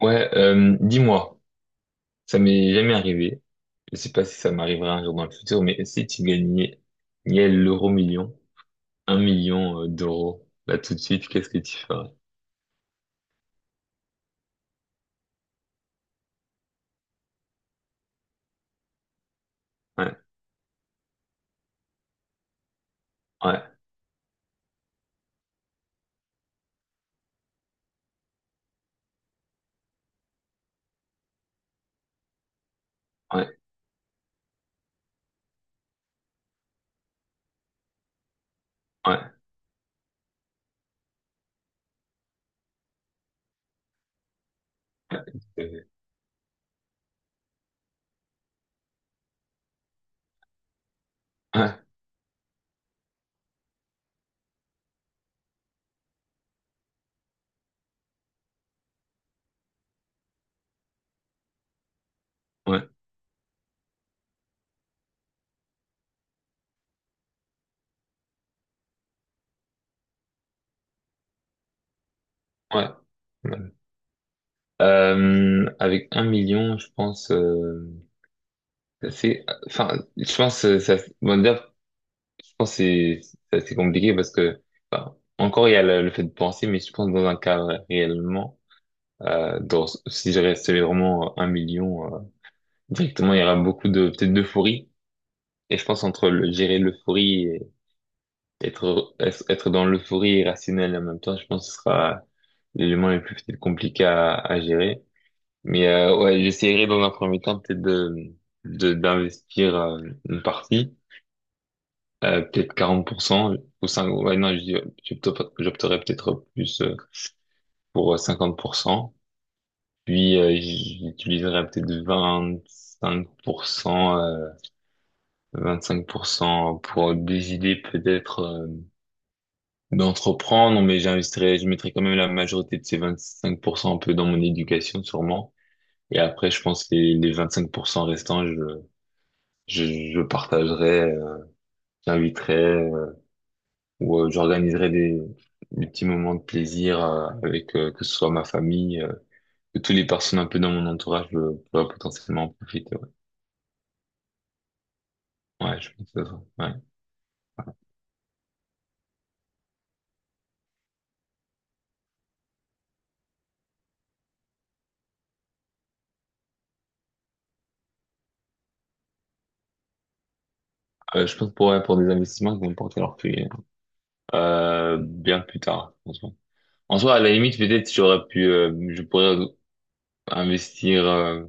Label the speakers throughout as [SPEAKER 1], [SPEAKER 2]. [SPEAKER 1] Ouais, dis-moi, ça m'est jamais arrivé. Je sais pas si ça m'arrivera un jour dans le futur, mais si tu gagnais, il y a l'euro million, un million d'euros, là tout de suite, qu'est-ce que tu ferais? Ouais, ouais, ouais, ouais, ouais, ouais, ouais, ouais. Ouais. Avec un million, je pense, c'est, enfin, je pense, ça, bon, d'ailleurs, je pense que c'est assez compliqué parce que encore il y a le fait de penser, mais je pense dans un cadre réellement. Dans, si je restais vraiment un million, directement, il y aura beaucoup de, peut-être d'euphorie. Et je pense entre le, gérer l'euphorie et être, être dans l'euphorie et rationnel en même temps, je pense que ce sera l'élément le plus peut-être compliqué à gérer. Mais ouais, j'essaierai dans un premier temps peut-être d'investir une partie, peut-être 40% ou 5 ouais, non, j'opterais peut-être plus pour 50%. Puis j'utiliserai peut-être 25%, 25% pour cent pour des idées peut-être d'entreprendre, mais j'investirai, je mettrai quand même la majorité de ces 25% un peu dans mon éducation sûrement. Et après, je pense que les 25% restants, je, je partagerai, j'inviterai ou j'organiserai des petits moments de plaisir avec que ce soit ma famille, que toutes les personnes un peu dans mon entourage pourraient potentiellement en profiter. Ouais. Ouais, je pense que ça. Ouais. Je pense pour, ouais, pour des investissements qui vont porter leurs fruits bien plus tard, franchement. En soi, à la limite, peut-être j'aurais pu, je pourrais investir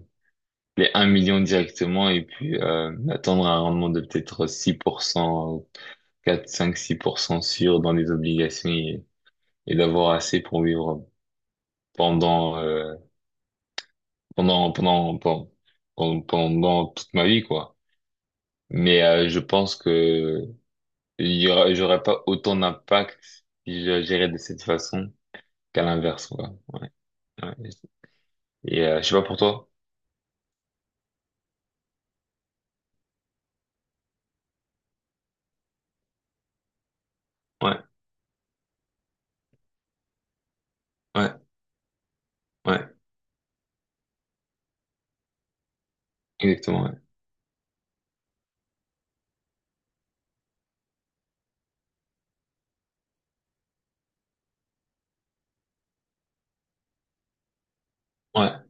[SPEAKER 1] les un million directement et puis attendre un rendement de peut-être 6%, quatre, cinq, 6% sûr dans les obligations, et d'avoir assez pour vivre pendant, euh, pendant, pendant, pendant, pendant toute ma vie, quoi. Mais je pense que j'aurais pas autant d'impact si je gérais de cette façon qu'à l'inverse, quoi. Ouais, ouais. Et je sais pas pour toi. Ouais, ouais, ouais, exactement. Ouais, ouais,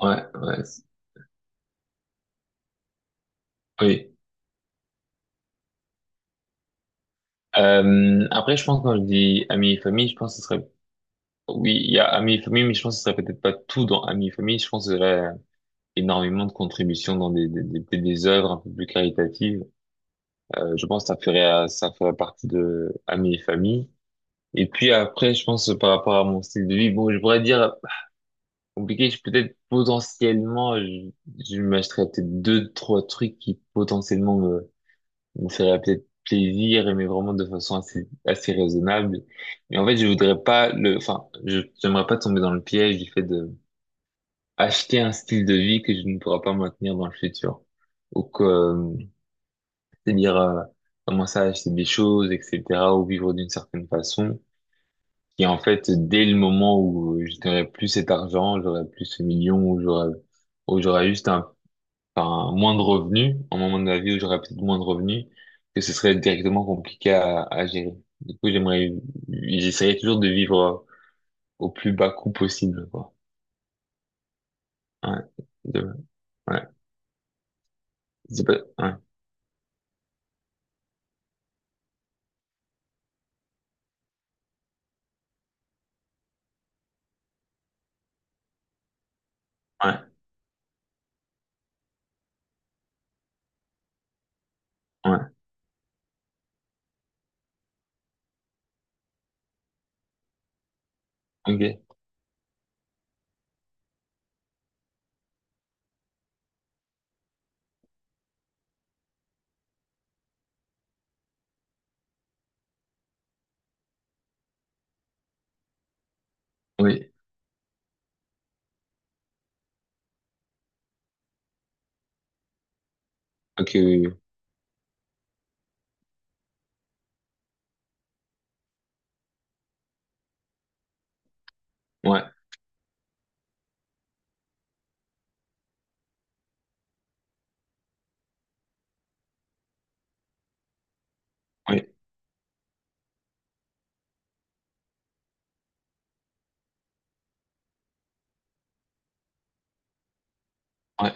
[SPEAKER 1] ouais. Ouais. Oui. Après, je pense quand je dis amis et famille, je pense que ce serait. Oui, il y a amis et famille, mais je pense que ce serait peut-être pas tout dans amis et famille. Je pense qu'il y aurait énormément de contributions dans des œuvres un peu plus caritatives. Je pense que ça ferait partie de amis et famille. Et puis après, je pense par rapport à mon style de vie, bon, je pourrais dire compliqué, je peut-être potentiellement, je m'achèterais peut-être deux, trois trucs qui potentiellement me, me feraient peut-être plaisir, et mais vraiment de façon assez, assez raisonnable. Mais en fait, je voudrais pas le, enfin, j'aimerais pas tomber dans le piège du fait de acheter un style de vie que je ne pourrais pas maintenir dans le futur. Ou que, c'est-à-dire, commencer à acheter des choses, etc., ou vivre d'une certaine façon qui en fait, dès le moment où j'aurais plus cet argent, j'aurais plus ce million, où j'aurais juste un, enfin, moins de revenus, un moment de ma vie où j'aurais peut-être moins de revenus, que ce serait directement compliqué à gérer. Du coup, j'essaierais toujours de vivre au plus bas coût possible, quoi. Ouais, de, ouais, c'est pas, ouais, ouais, ouais, ok, oui, ok, oui, oui. Ouais, oui, ouais,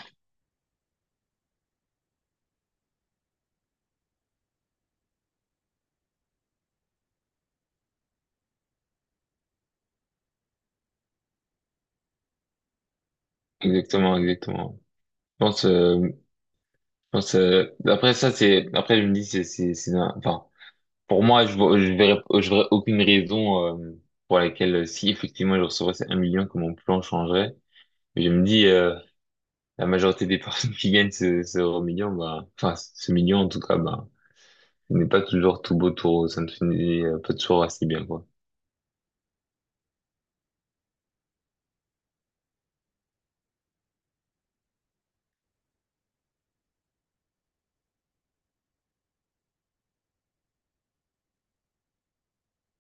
[SPEAKER 1] exactement, exactement. Je pense, après ça, après, je me dis, c'est, enfin, pour moi, je verrais aucune raison pour laquelle, si effectivement je recevrais ces 1 million, que mon plan changerait. Mais je me dis, la majorité des personnes qui gagnent ce euro million, bah, enfin ce million en tout cas, bah, ce n'est pas toujours tout beau, tout rose, ça ne finit pas toujours assez bien, quoi.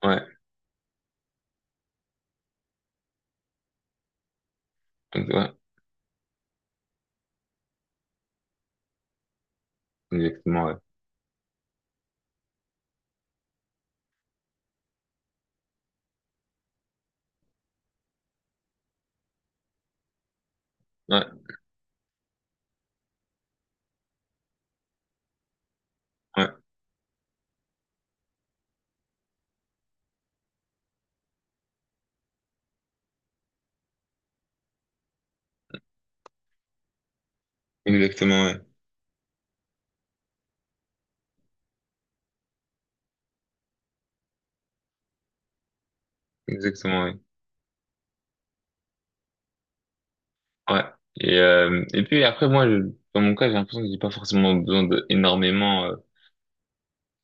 [SPEAKER 1] Ouais, ouais, exactement, ouais. Ouais, ouais, exactement, ouais. Exactement, ouais. Ouais. Et, et puis après, moi, dans mon cas, j'ai l'impression que j'ai pas forcément besoin d'énormément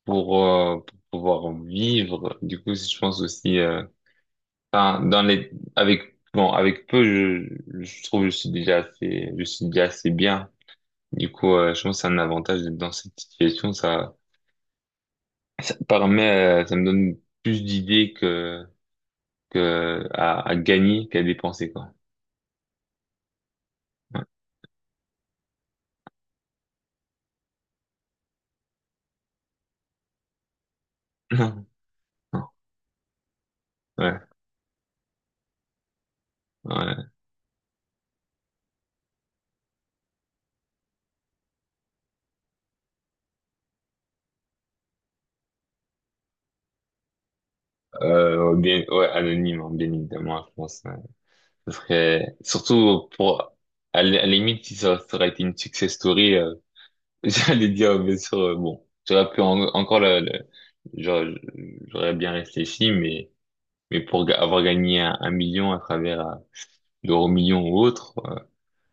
[SPEAKER 1] pour, pour pouvoir vivre. Du coup, je pense aussi, enfin, dans les, avec, bon, avec peu, je trouve que je suis déjà assez, je suis déjà assez bien. Du coup, je pense que c'est un avantage d'être dans cette situation. Ça permet, ça me donne plus d'idées que, à, gagner qu'à dépenser, quoi. Ouais, ouais. Ouais. Ouais, bien, ouais, anonyme, hein, bien évidemment, je pense. Ouais. Ce serait, surtout pour, à la limite, si ça aurait été une success story, j'allais dire, bien sûr, bon, j'aurais pu encore le, j'aurais j'aurais bien réfléchi, mais, pour avoir gagné un million à travers l'euro million ou autre,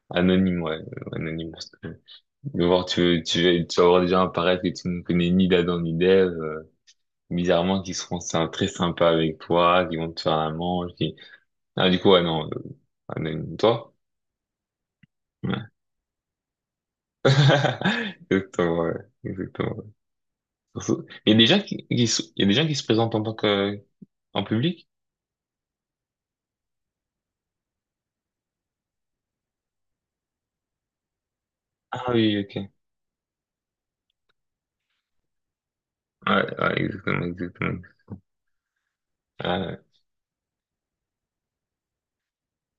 [SPEAKER 1] anonyme, ouais, anonyme, parce que, de voir, tu vas avoir des gens apparaître que tu ne connais ni d'Adam ni d'Ève, bizarrement, qui seront très sympas avec toi, qui vont te faire un manche, qui, ah, du coup, ouais, non, anonyme, toi? Ouais. Exactement, ouais. Exactement. Il y a des gens qui, il y a des gens qui se présentent en tant que En public? Ah oui, ok. Ouais, ouais, exactement, exactement. Ah,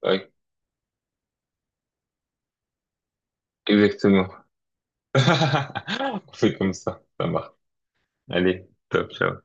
[SPEAKER 1] ouais, exactement. On fait comme ça marche. Allez, top, ciao.